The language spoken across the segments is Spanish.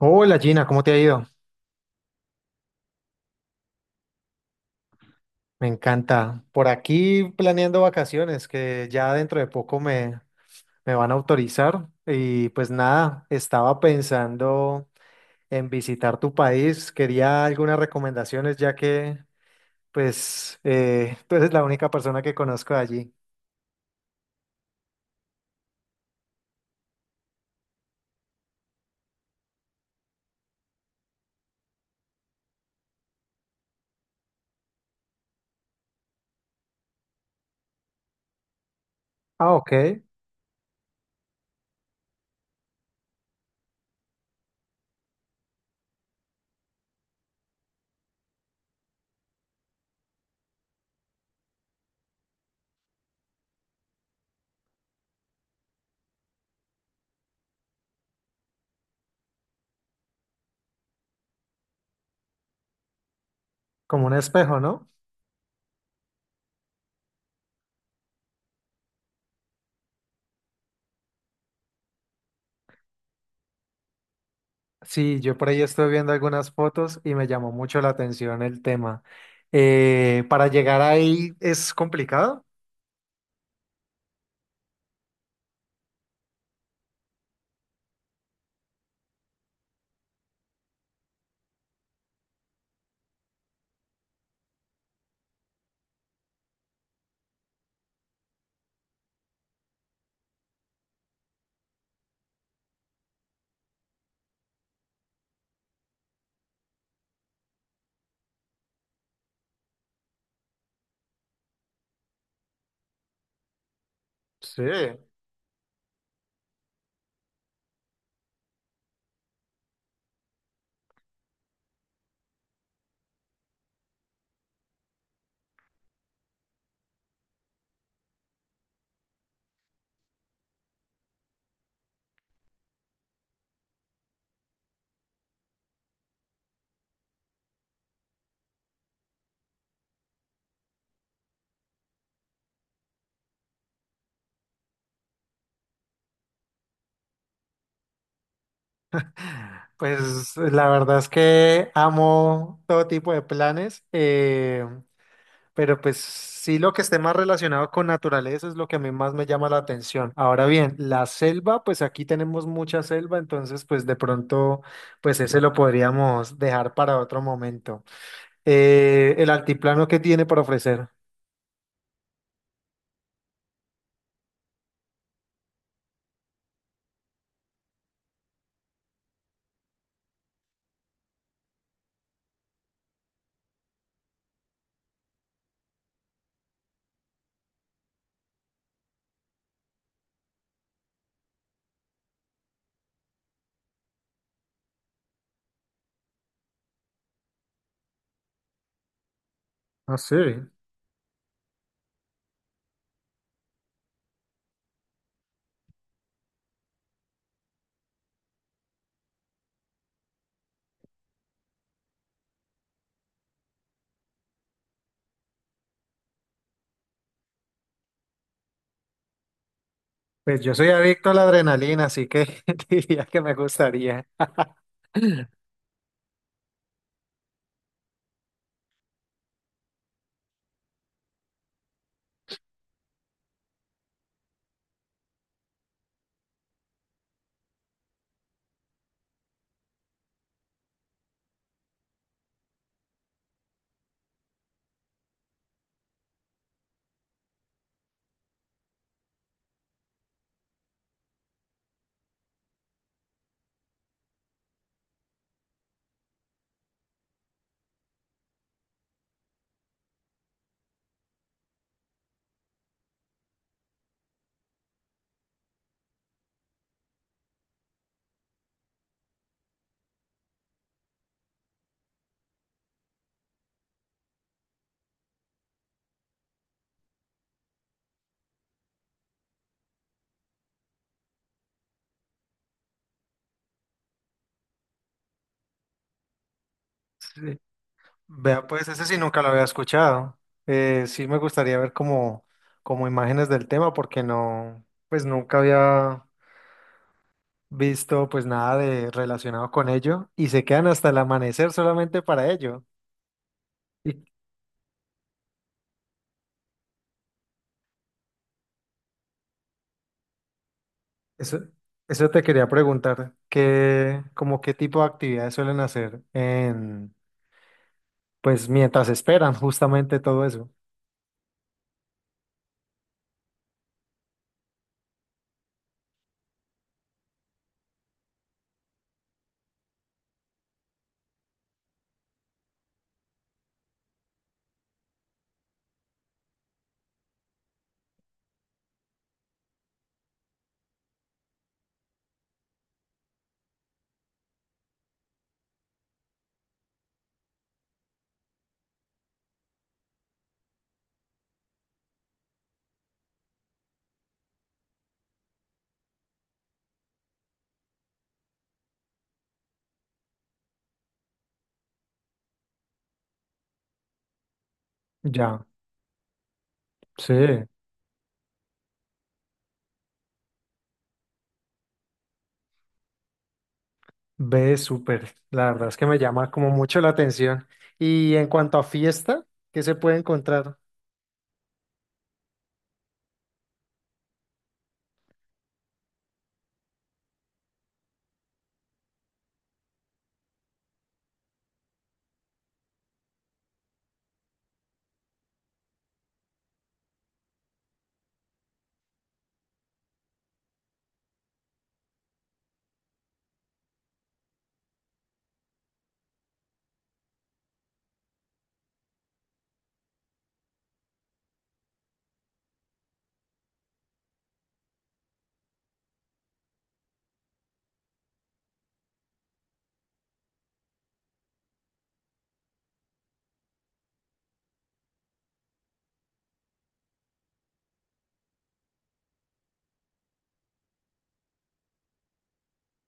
Hola Gina, ¿cómo te ha ido? Me encanta. Por aquí planeando vacaciones que ya dentro de poco me van a autorizar. Y pues nada, estaba pensando en visitar tu país. Quería algunas recomendaciones ya que pues tú eres la única persona que conozco de allí. Ah, ok. Como un espejo, ¿no? Sí, yo por ahí estoy viendo algunas fotos y me llamó mucho la atención el tema. ¿Para llegar ahí es complicado? Sí. Pues la verdad es que amo todo tipo de planes, pero pues sí, lo que esté más relacionado con naturaleza es lo que a mí más me llama la atención. Ahora bien, la selva, pues aquí tenemos mucha selva, entonces pues de pronto pues ese lo podríamos dejar para otro momento. El altiplano, que tiene para ofrecer? Ah sí. Pues yo soy adicto a la adrenalina, así que diría que me gustaría. Sí. Vea, pues ese sí nunca lo había escuchado. Sí me gustaría ver como, como imágenes del tema porque no, pues nunca había visto pues nada de relacionado con ello. ¿Y se quedan hasta el amanecer solamente para ello? Y eso, eso te quería preguntar, ¿qué, como qué tipo de actividades suelen hacer en, pues mientras esperan justamente todo eso? Ya, sí. Ve, súper. La verdad es que me llama como mucho la atención. Y en cuanto a fiesta, ¿qué se puede encontrar?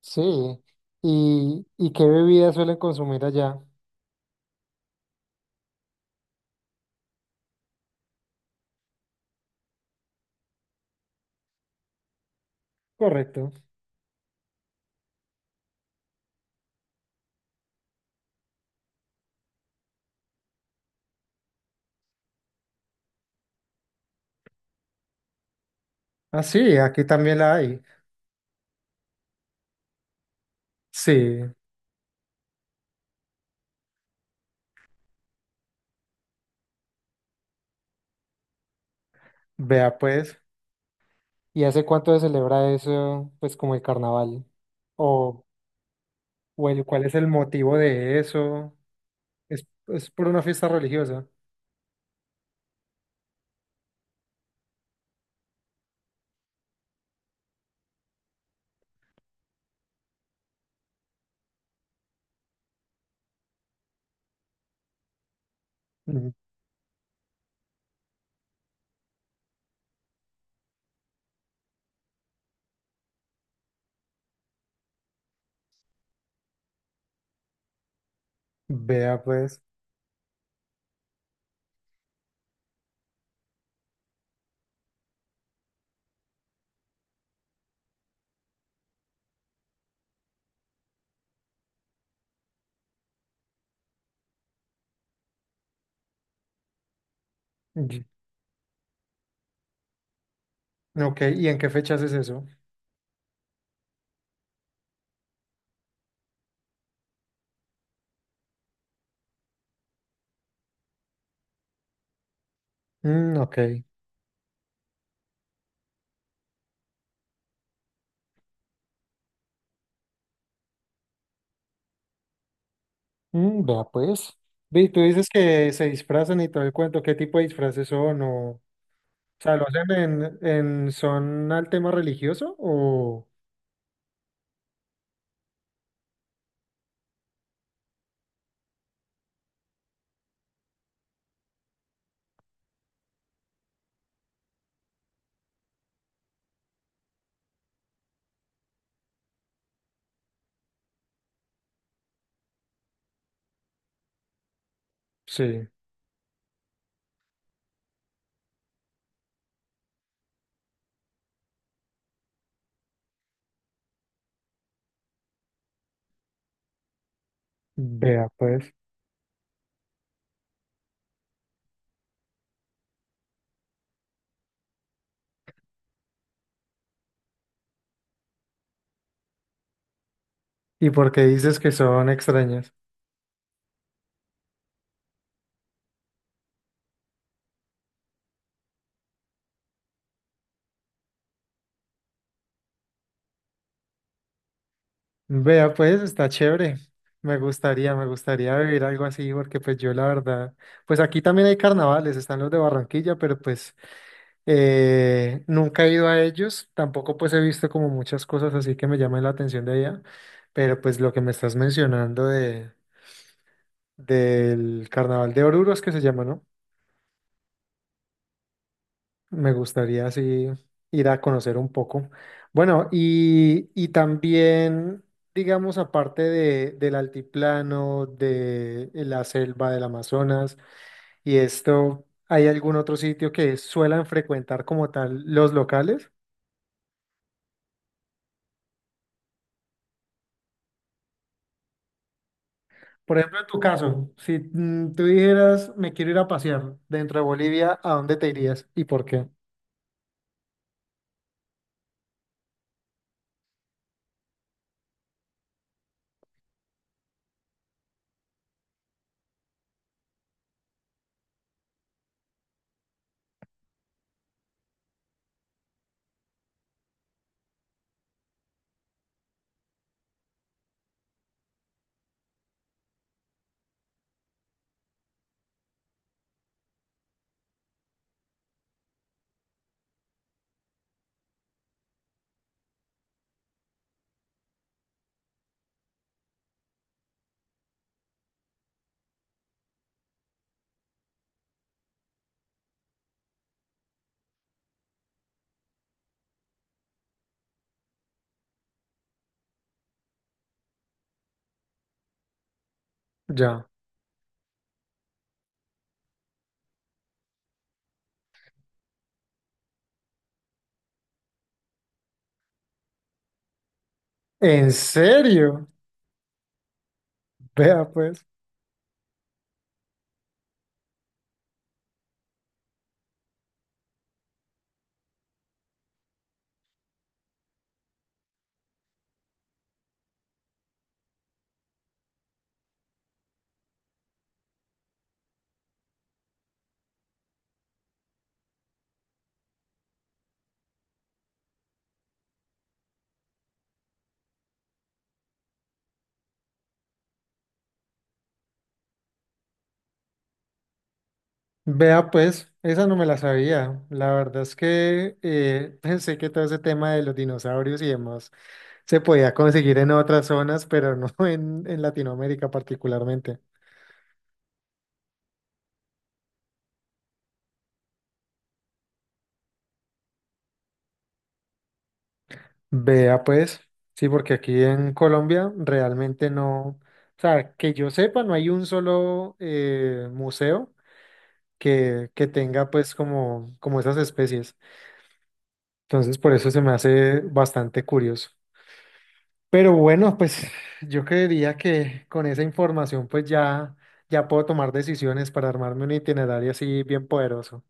Sí. Y qué bebidas suelen consumir allá? Correcto. Ah, sí, aquí también la hay. Sí, vea pues. ¿Y hace cuánto se celebra eso, pues como el carnaval? O, o el, ¿cuál es el motivo de eso? Es por una fiesta religiosa? Mm. Vea pues. Y... Ok, ¿y en qué fechas es eso? Mm, ok. Mm, vea pues. Ve, tú dices que se disfrazan y todo el cuento, ¿qué tipo de disfraces son? O sea, ¿lo hacen en son al tema religioso? O sí, vea pues. ¿Y por qué dices que son extrañas? Vea pues, está chévere. Me gustaría vivir algo así, porque pues yo la verdad, pues aquí también hay carnavales, están los de Barranquilla, pero pues... nunca he ido a ellos, tampoco pues he visto como muchas cosas así que me llaman la atención de allá, pero pues lo que me estás mencionando de, del Carnaval de Oruros que se llama, ¿no? Me gustaría así ir a conocer un poco. Bueno, y también, digamos, aparte de, del altiplano, de la selva del Amazonas y esto, ¿hay algún otro sitio que suelan frecuentar como tal los locales? Por ejemplo, en tu caso, si mm, tú dijeras, me quiero ir a pasear dentro de Bolivia, ¿a dónde te irías y por qué? Ya. ¿En serio? Vea pues, vea pues, esa no me la sabía. La verdad es que pensé que todo ese tema de los dinosaurios y demás se podía conseguir en otras zonas, pero no en Latinoamérica particularmente. Vea pues, sí, porque aquí en Colombia realmente no, o sea, que yo sepa, no hay un solo museo que tenga pues como, como esas especies. Entonces por eso se me hace bastante curioso. Pero bueno, pues yo creería que con esa información pues ya, ya puedo tomar decisiones para armarme un itinerario así bien poderoso.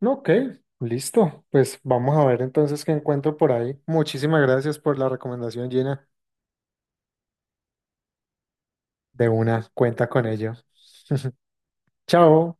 No, ok, listo. Pues vamos a ver entonces qué encuentro por ahí. Muchísimas gracias por la recomendación, Gina. De una, cuenta con ello. Chao.